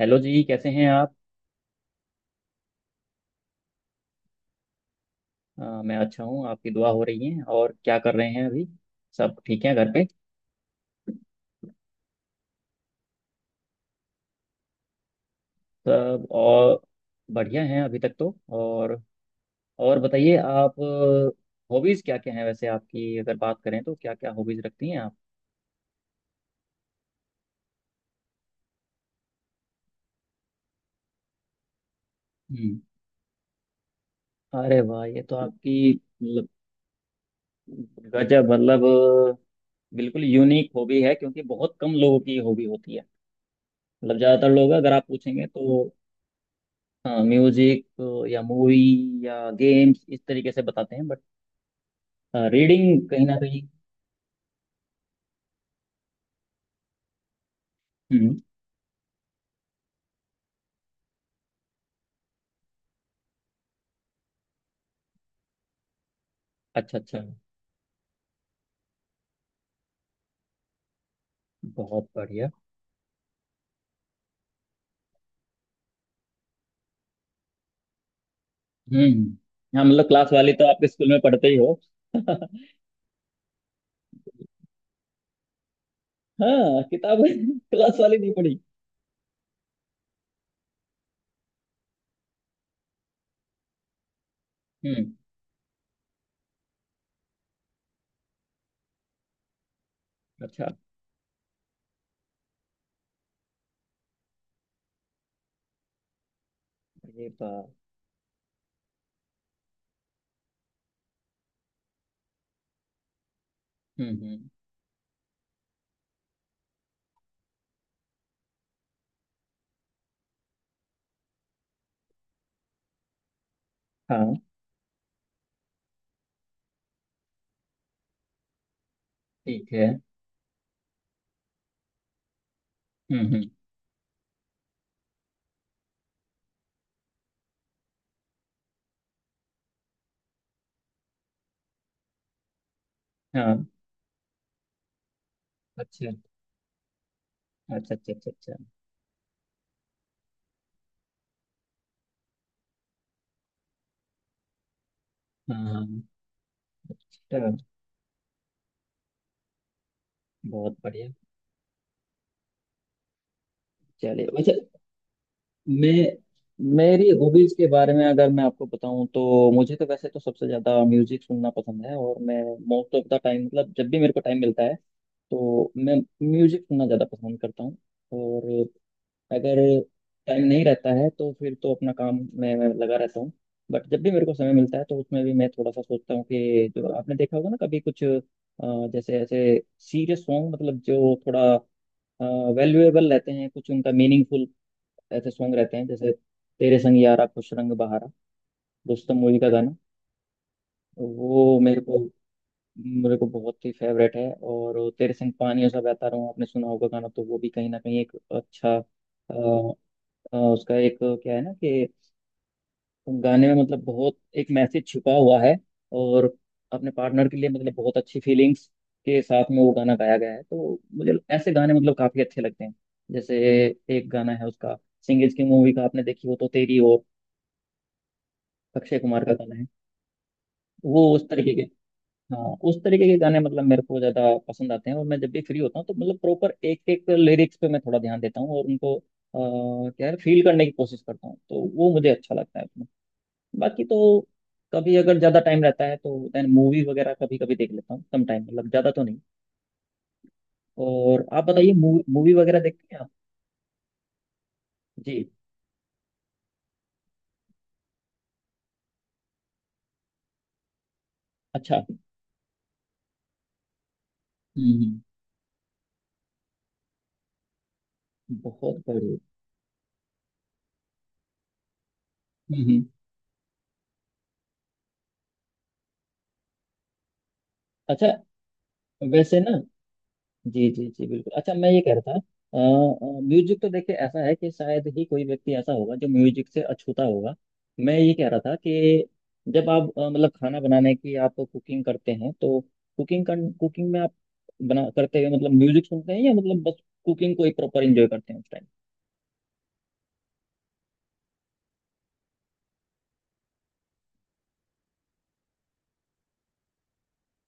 Hello ji, कैसे हैं आप। मैं अच्छा हूँ, आपकी दुआ हो रही है। और क्या कर रहे हैं अभी, सब ठीक है घर पे। सब और बढ़िया हैं अभी तक तो। और और बताइए आप। हॉबीज क्या क्या हैं, वैसे आपकी अगर बात करें तो क्या क्या हॉबीज रखती हैं आप। हम्म। अरे वाह, ये तो आपकी मतलब गजब, मतलब बिल्कुल यूनिक हॉबी है, क्योंकि बहुत कम लोगों की हॉबी होती है। मतलब ज्यादातर लोग अगर आप पूछेंगे तो हाँ, म्यूजिक या मूवी या गेम्स इस तरीके से बताते हैं, बट रीडिंग कहीं ना कहीं। हम्म। अच्छा अच्छा, बहुत बढ़िया। हम्म, हाँ मतलब क्लास वाली तो आपके स्कूल में पढ़ते ही हो। हाँ, किताब क्लास वाली नहीं पढ़ी। हम्म। अच्छा। अरे बाप। हम्म। हाँ। ठीक है। हम्म। हाँ। अच्छा अच्छा अच्छा अच्छा। अच्छा। हाँ हाँ। अच्छा, बहुत बढ़िया। चलिए वैसे, मैं मेरी हॉबीज के बारे में अगर मैं आपको बताऊं तो मुझे तो वैसे तो सबसे ज्यादा म्यूजिक सुनना पसंद है, और मैं मोस्ट ऑफ द टाइम मतलब जब भी मेरे को टाइम मिलता है तो मैं म्यूजिक सुनना ज्यादा पसंद करता हूँ। और अगर टाइम नहीं रहता है तो फिर तो अपना काम में मैं लगा रहता हूँ। बट जब भी मेरे को समय मिलता है तो उसमें भी मैं थोड़ा सा सोचता हूँ कि जो आपने देखा होगा ना, कभी कुछ जैसे ऐसे सीरियस सॉन्ग, मतलब जो थोड़ा वैल्यूएबल रहते हैं कुछ, उनका मीनिंगफुल ऐसे सॉन्ग रहते हैं, जैसे तेरे संग यारा खुश रंग बहारा, रुस्तम मूवी का गाना। वो मेरे को बहुत ही फेवरेट है, और तेरे संग पानियों सा बहता रहूं आपने सुना होगा गाना, तो वो भी कहीं ना कहीं एक अच्छा अ, उसका एक क्या है ना कि गाने में मतलब बहुत एक मैसेज छुपा हुआ है। और अपने पार्टनर के लिए मतलब बहुत अच्छी फीलिंग्स के साथ में वो गाना गाया गया है, तो मुझे ऐसे गाने मतलब काफी अच्छे लगते हैं। जैसे एक गाना है उसका, सिंह इज की मूवी का आपने देखी हो तो तेरी ओर, अक्षय कुमार का गाना है। वो उस तरीके के हाँ, उस तरीके के गाने मतलब मेरे को ज्यादा पसंद आते हैं, और मैं जब भी फ्री होता हूँ तो मतलब प्रॉपर एक एक लिरिक्स पे मैं थोड़ा ध्यान देता हूँ, और उनको क्या है, फील करने की कोशिश करता हूँ तो वो मुझे अच्छा लगता है उसमें। बाकी तो कभी अगर ज्यादा टाइम रहता है तो देन मूवी वगैरह कभी कभी देख लेता हूँ, कम टाइम मतलब ज्यादा तो नहीं। और आप बताइए, मूवी वगैरह देखते हैं आप। जी। अच्छा। हम्म। बहुत बढ़िया। हम्म। अच्छा वैसे ना, जी जी जी, बिल्कुल। अच्छा, मैं ये कह रहा था, म्यूजिक तो देखिए ऐसा है कि शायद ही कोई व्यक्ति ऐसा होगा जो म्यूजिक से अछूता होगा। मैं ये कह रहा था कि जब आप मतलब खाना बनाने की, आप कुकिंग करते हैं तो कुकिंग में आप बना करते हुए मतलब म्यूजिक सुनते हैं, या मतलब बस कुकिंग को ही प्रॉपर एंजॉय करते हैं उस टाइम।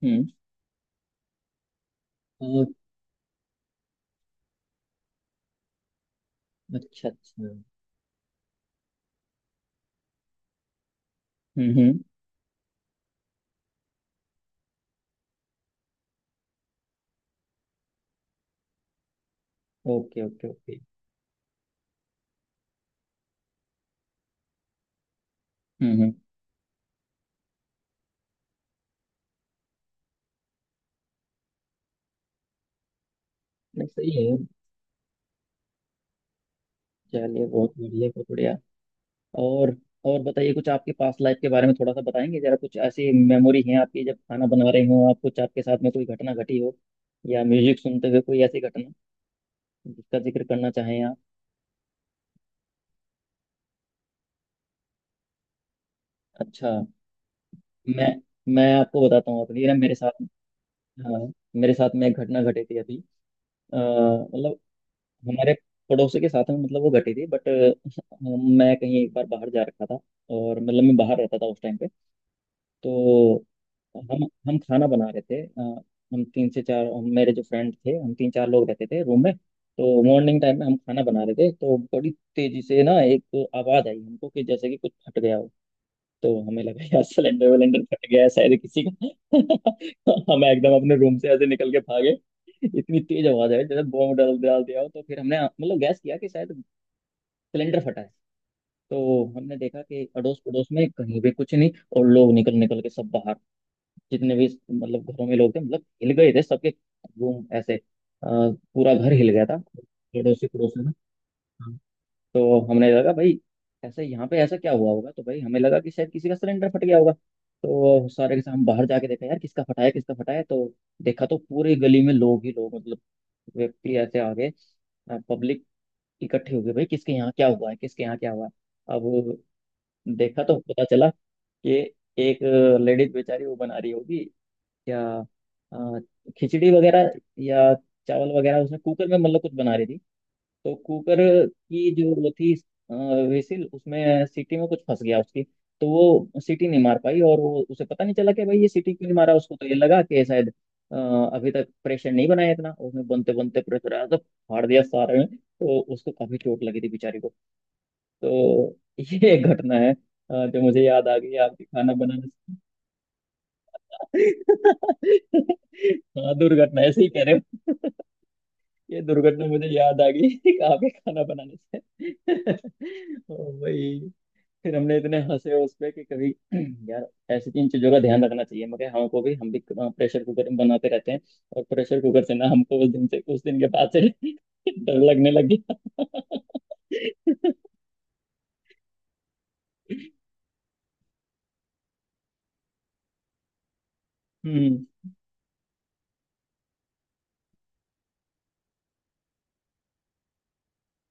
हम्म। और- अच्छा अच्छा। हम्म। Okay okay okay. हम्म। नहीं, सही है। चलिए, बहुत बढ़िया बहुत बढ़िया। और और बताइए कुछ आपके पास्ट लाइफ के बारे में, थोड़ा सा बताएंगे जरा, कुछ ऐसी मेमोरी है आपकी जब खाना बना रहे हो आप, कुछ आपके साथ में कोई घटना घटी हो, या म्यूजिक सुनते हुए कोई ऐसी घटना जिसका जिक्र करना चाहें आप। अच्छा, मैं मैं आपको बताता हूँ अपनी ना, मेरे साथ, हाँ, मेरे साथ में एक घटना घटी थी अभी, मतलब हमारे पड़ोसी के साथ में मतलब वो घटी थी, बट हाँ, मैं कहीं एक बार बाहर जा रखा था, और मतलब मैं बाहर रहता था उस टाइम पे। तो हम हम खाना बना रहे थे, हम तीन से चार हम- मेरे जो फ्रेंड थे हम तीन चार लोग रहते थे रूम में। तो मॉर्निंग टाइम में हम खाना बना रहे थे, तो बड़ी तेजी से ना एक आवाज आई हमको कि जैसे कि कुछ फट गया हो। तो हमें लगा यार, सिलेंडर विलेंडर फट गया है शायद किसी का। हम एकदम अपने रूम से ऐसे निकल के भागे। इतनी तेज आवाज आई जैसे बॉम्ब डाल डाल दिया हो, तो फिर हमने मतलब गैस किया कि शायद सिलेंडर फटा है। तो हमने देखा कि अड़ोस पड़ोस में कहीं भी कुछ नहीं, और लोग निकल निकल के सब बाहर, जितने भी मतलब घरों में लोग थे मतलब हिल गए थे, सबके रूम ऐसे अ, पूरा घर हिल गया था पड़ोसी पड़ोसी में। हाँ। तो हमने लगा भाई, ऐसे यहाँ पे ऐसा क्या हुआ होगा, तो भाई हमें लगा कि शायद किसी का सिलेंडर फट गया होगा। तो सारे के साथ हम बाहर जाके देखा, यार किसका फटा है किसका फटा है, तो देखा तो पूरी गली में लोग ही लोग, मतलब व्यक्ति ऐसे आ गए, पब्लिक इकट्ठी हो गई, भाई किसके यहाँ क्या हुआ है किसके यहाँ क्या हुआ है। अब देखा तो पता चला कि एक लेडीज बेचारी वो बना रही होगी, या अ, खिचड़ी वगैरह या चावल वगैरह, उसने कुकर में मतलब कुछ बना रही थी। तो कुकर की जो वो थी अ, वेसिल, उसमें सीटी में कुछ फंस गया उसकी। तो वो सीटी नहीं मार पाई, और वो, उसे पता नहीं चला कि भाई ये सीटी क्यों नहीं मारा, उसको तो ये लगा कि शायद अ, अभी तक प्रेशर नहीं बनाया इतना, उसने बनते बनते प्रेशर आया तो फाड़ दिया सारे में, तो उसको काफी चोट लगी थी बेचारी को। तो ये एक घटना है जो मुझे याद आ गई आपके खाना बनाने से। हाँ, दुर्घटना ऐसे ही कह रहे हो, ये दुर्घटना मुझे याद आ गई कहाँ पे खाना बनाने से। ओ भाई, फिर हमने इतने हंसे उस पे कि कभी, यार ऐसी इन चीजों का ध्यान रखना चाहिए, मगर हमको भी हम भी प्रेशर कुकर में बनाते रहते हैं। और प्रेशर कुकर से ना हमको उस दिन के बाद से डर लगने लग गया। हम्म।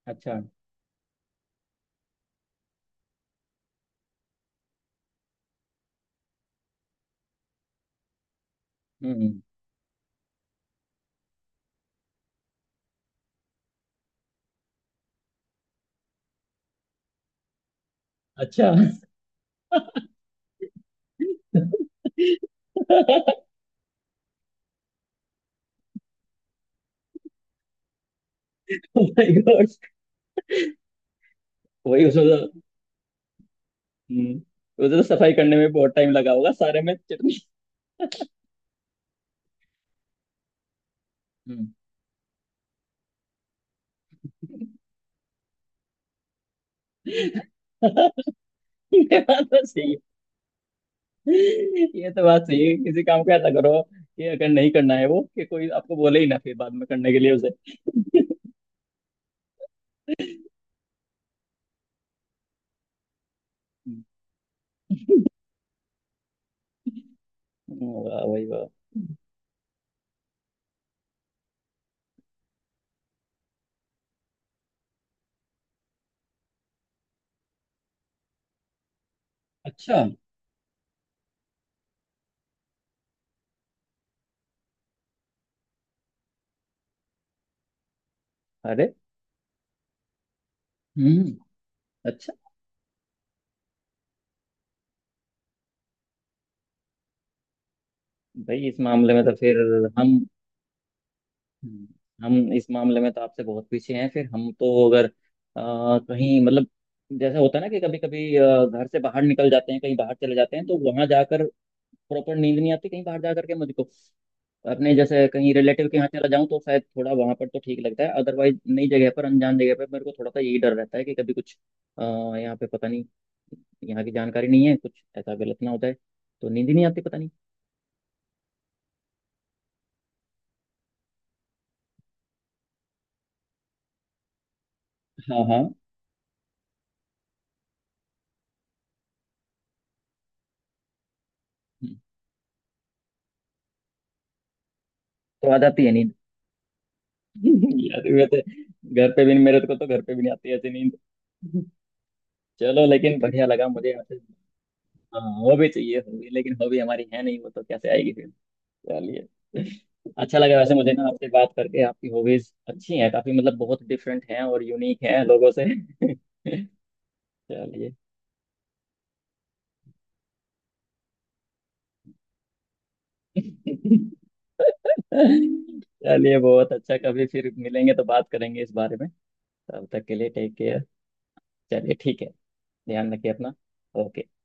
अच्छा। हम्म। अच्छा। ओ माय गॉड। वही उसमें तो, हम्म, उधर तो सफाई करने में बहुत टाइम लगा होगा, सारे में चटनी। हम्म। ये बात तो सही है, ये तो बात सही है, किसी काम को ऐसा करो कि अगर नहीं करना है वो, कि कोई आपको बोले ही ना फिर बाद में करने के लिए उसे। हम्म। वाह भाई वाह। अच्छा। अरे। हम्म। अच्छा, भाई इस मामले में तो फिर हम हम इस मामले में तो आपसे बहुत पीछे हैं। फिर हम तो अगर कहीं मतलब जैसा होता है ना कि कभी कभी घर से बाहर निकल जाते हैं कहीं बाहर चले जाते हैं, तो वहां जाकर प्रॉपर नींद नहीं आती कहीं बाहर जा करके मुझको। अपने जैसे कहीं रिलेटिव के यहाँ चला जाऊं तो शायद थोड़ा वहां पर तो ठीक लगता है, अदरवाइज नई जगह पर, अनजान जगह पर मेरे को थोड़ा सा यही डर रहता है कि कभी कुछ अ, यहाँ पे पता नहीं, यहाँ की जानकारी नहीं है, कुछ ऐसा गलत ना हो जाए, तो नींद ही नहीं आती पता नहीं। हाँ हाँ। हम्म। तो आ जाती है नींद। यार वैसे, घर पे भी मेरे को तो घर पे भी नहीं आती ऐसी नींद। चलो, लेकिन बढ़िया लगा मुझे यहाँ से। हाँ, हॉबी चाहिए हॉबी, लेकिन हॉबी हमारी है नहीं, वो तो कैसे आएगी फिर। चलिए, अच्छा लगा वैसे मुझे ना आपसे बात करके, आपकी हॉबीज अच्छी हैं काफी, मतलब बहुत डिफरेंट हैं और यूनिक हैं लोगों से। चलिए। चलिए बहुत अच्छा, कभी फिर मिलेंगे तो बात करेंगे इस बारे में। तब तक के लिए टेक केयर। चलिए ठीक है। ध्यान रखिए अपना। ओके।